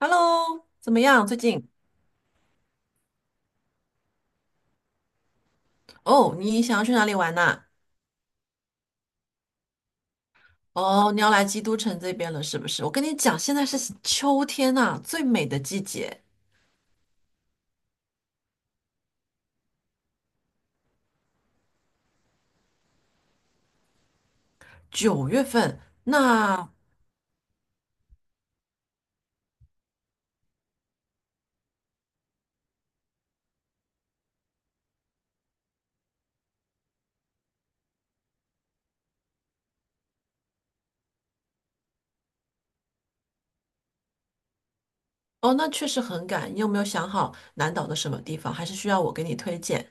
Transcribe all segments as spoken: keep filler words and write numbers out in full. Hello，怎么样？最近哦，你想要去哪里玩呐、哦，你要来基督城这边了，是不是？我跟你讲，现在是秋天呐、最美的季节，九月份。那哦，那确实很赶。你有没有想好南岛的什么地方？还是需要我给你推荐？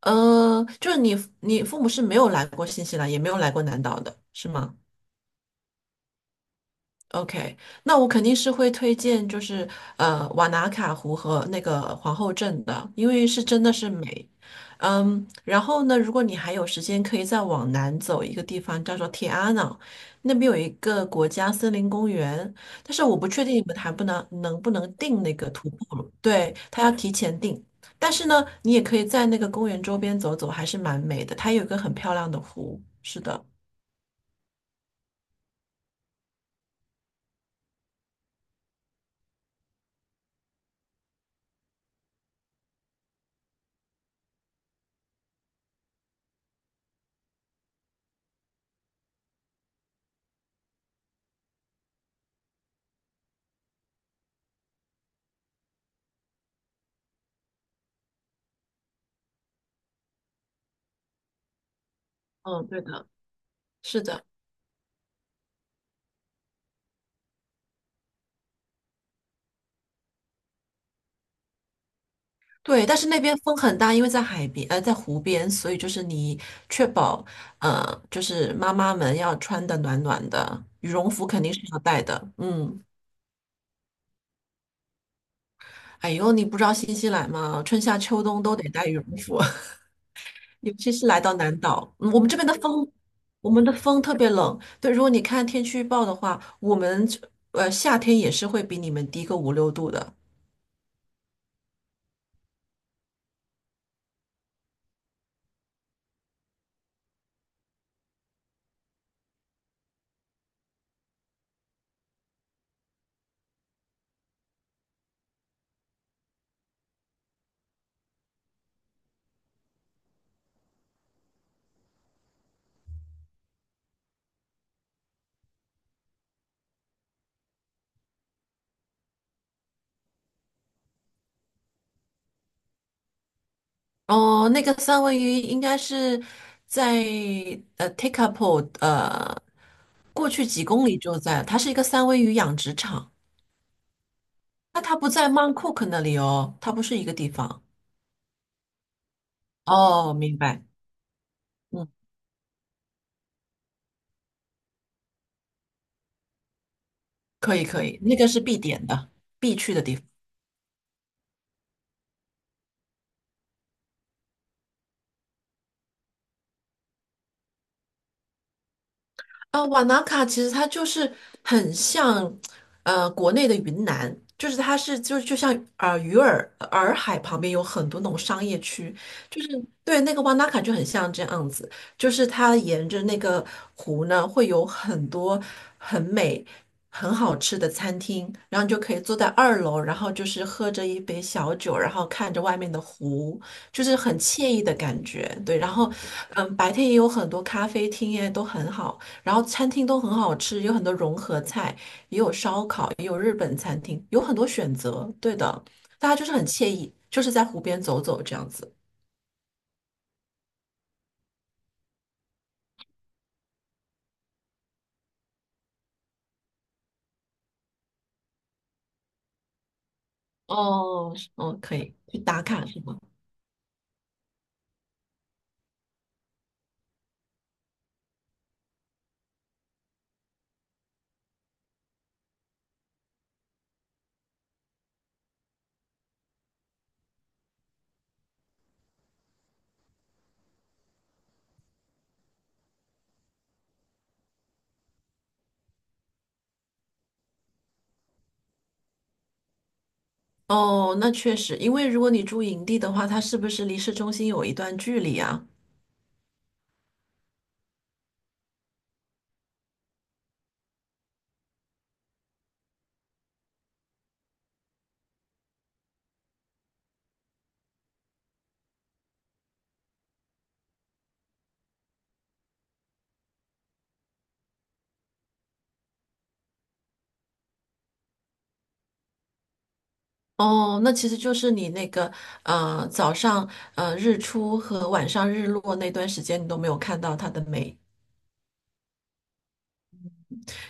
呃，就是你，你父母是没有来过新西兰，也没有来过南岛的，是吗？OK，那我肯定是会推荐，就是呃瓦纳卡湖和那个皇后镇的，因为是真的是美。嗯，然后呢，如果你还有时间，可以再往南走一个地方，叫做铁阿瑙，那边有一个国家森林公园，但是我不确定你们还不能能不能订那个徒步了，对，他要提前订。但是呢，你也可以在那个公园周边走走，还是蛮美的，它有一个很漂亮的湖。是的，嗯，对的，是的。对，但是那边风很大，因为在海边，呃，在湖边，所以就是你确保，呃，就是妈妈们要穿的暖暖的，羽绒服肯定是要带的。嗯，哎呦，你不知道新西兰吗？春夏秋冬都得带羽绒服，尤其是来到南岛，嗯我们这边的风，我们的风特别冷。对，如果你看天气预报的话，我们呃夏天也是会比你们低个五六度的。哦，那个三文鱼应该是在呃 t a k e a p o 呃过去几公里就在，它是一个三文鱼养殖场。那它不在 Mount Cook 那里哦，它不是一个地方。哦，明白。嗯，可以可以，那个是必点的，必去的地方。啊，瓦纳卡其实它就是很像，呃，国内的云南，就是它是就就像呃鱼儿呃洱海旁边有很多那种商业区，就是对那个瓦纳卡就很像这样子，就是它沿着那个湖呢会有很多很美很好吃的餐厅，然后你就可以坐在二楼，然后就是喝着一杯小酒，然后看着外面的湖，就是很惬意的感觉。对，然后嗯，白天也有很多咖啡厅耶，都很好。然后餐厅都很好吃，有很多融合菜，也有烧烤，也有日本餐厅，有很多选择。对的，大家就是很惬意，就是在湖边走走这样子。哦，是哦，可以去打卡是吗？哦，那确实，因为如果你住营地的话，它是不是离市中心有一段距离啊？哦，那其实就是你那个呃早上呃日出和晚上日落那段时间，你都没有看到它的美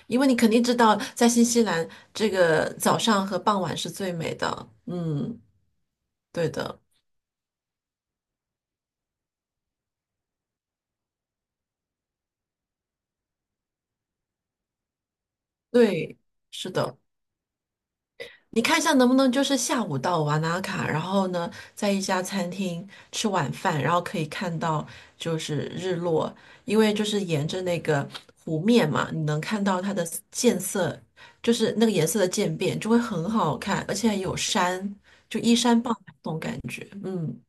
因为你肯定知道，在新西兰这个早上和傍晚是最美的。嗯，对的，对，是的。你看一下能不能就是下午到瓦纳卡，然后呢，在一家餐厅吃晚饭，然后可以看到就是日落，因为就是沿着那个湖面嘛，你能看到它的渐色，就是那个颜色的渐变，就会很好看，而且有山，就依山傍海那种感觉。嗯。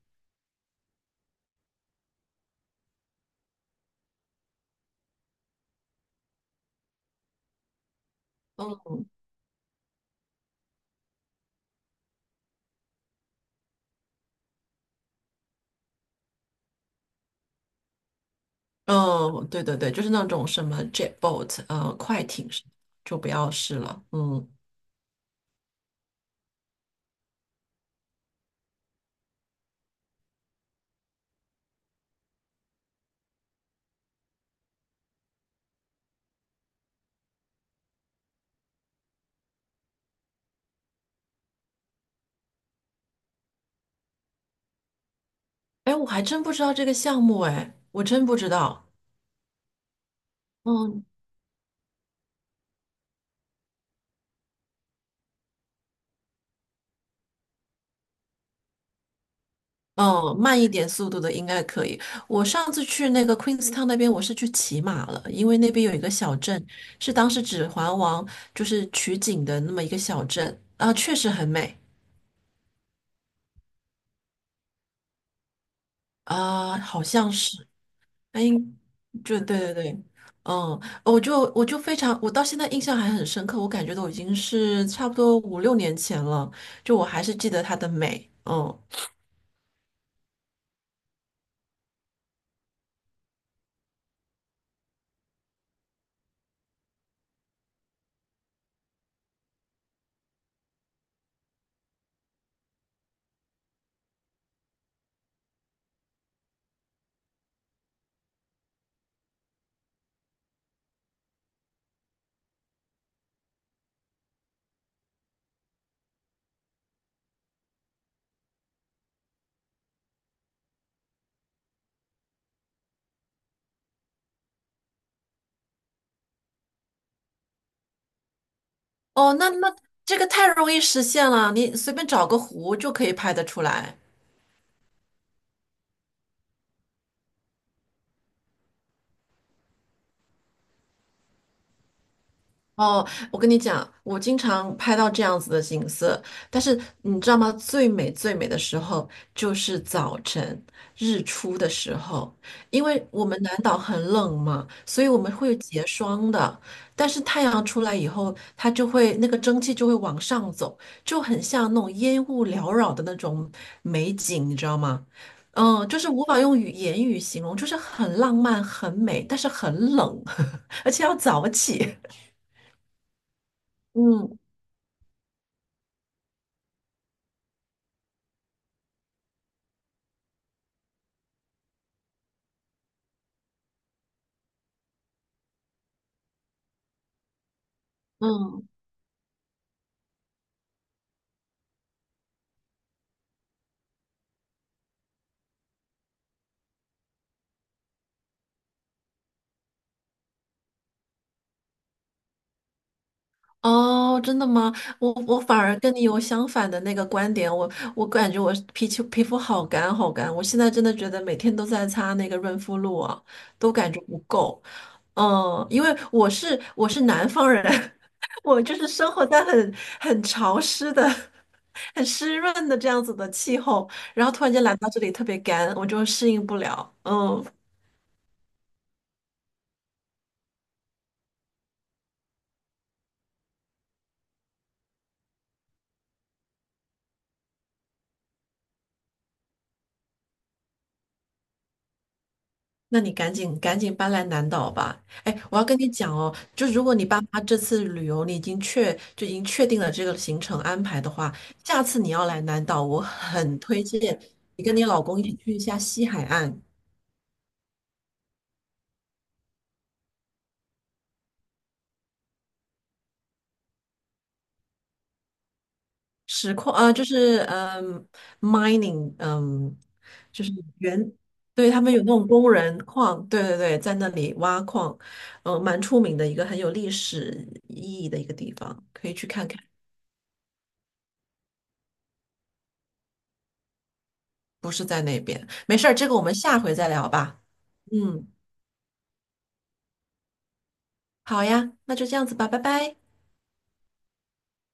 嗯，对对对，就是那种什么 jetboat，呃，快艇是就不要试了。嗯，哎，我还真不知道这个项目，哎，我真不知道。嗯嗯，慢一点速度的应该可以。我上次去那个 Queenstown 那边，我是去骑马了，因为那边有一个小镇，是当时《指环王》就是取景的那么一个小镇，啊、确实很美啊、好像是。哎，就对对对，嗯，我就我就非常，我到现在印象还很深刻，我感觉都已经是差不多五六年前了，就我还是记得它的美，嗯，哦，那那这个太容易实现了，你随便找个湖就可以拍得出来。哦，我跟你讲，我经常拍到这样子的景色，但是你知道吗？最美最美的时候就是早晨日出的时候，因为我们南岛很冷嘛，所以我们会有结霜的。但是太阳出来以后，它就会那个蒸汽就会往上走，就很像那种烟雾缭绕的那种美景，你知道吗？嗯，就是无法用语言语形容，就是很浪漫、很美，但是很冷，而且要早起。嗯。嗯，哦，真的吗？我我反而跟你有相反的那个观点，我我感觉我皮肤皮肤好干好干，我现在真的觉得每天都在擦那个润肤露啊，都感觉不够。嗯，因为我是我是南方人，我就是生活在很很潮湿的、很湿润的这样子的气候，然后突然间来到这里特别干，我就适应不了。嗯。那你赶紧赶紧搬来南岛吧。哎，我要跟你讲哦，就如果你爸妈这次旅游你已经确就已经确定了这个行程安排的话，下次你要来南岛，我很推荐你跟你老公一起去一下西海岸石矿啊，呃就是嗯 mining 嗯就是原对他们有那种工人矿，对对对，在那里挖矿，嗯、蛮出名的一个很有历史意义的一个地方，可以去看看。不是在那边。没事儿，这个我们下回再聊吧。嗯，好呀，那就这样子吧，拜拜。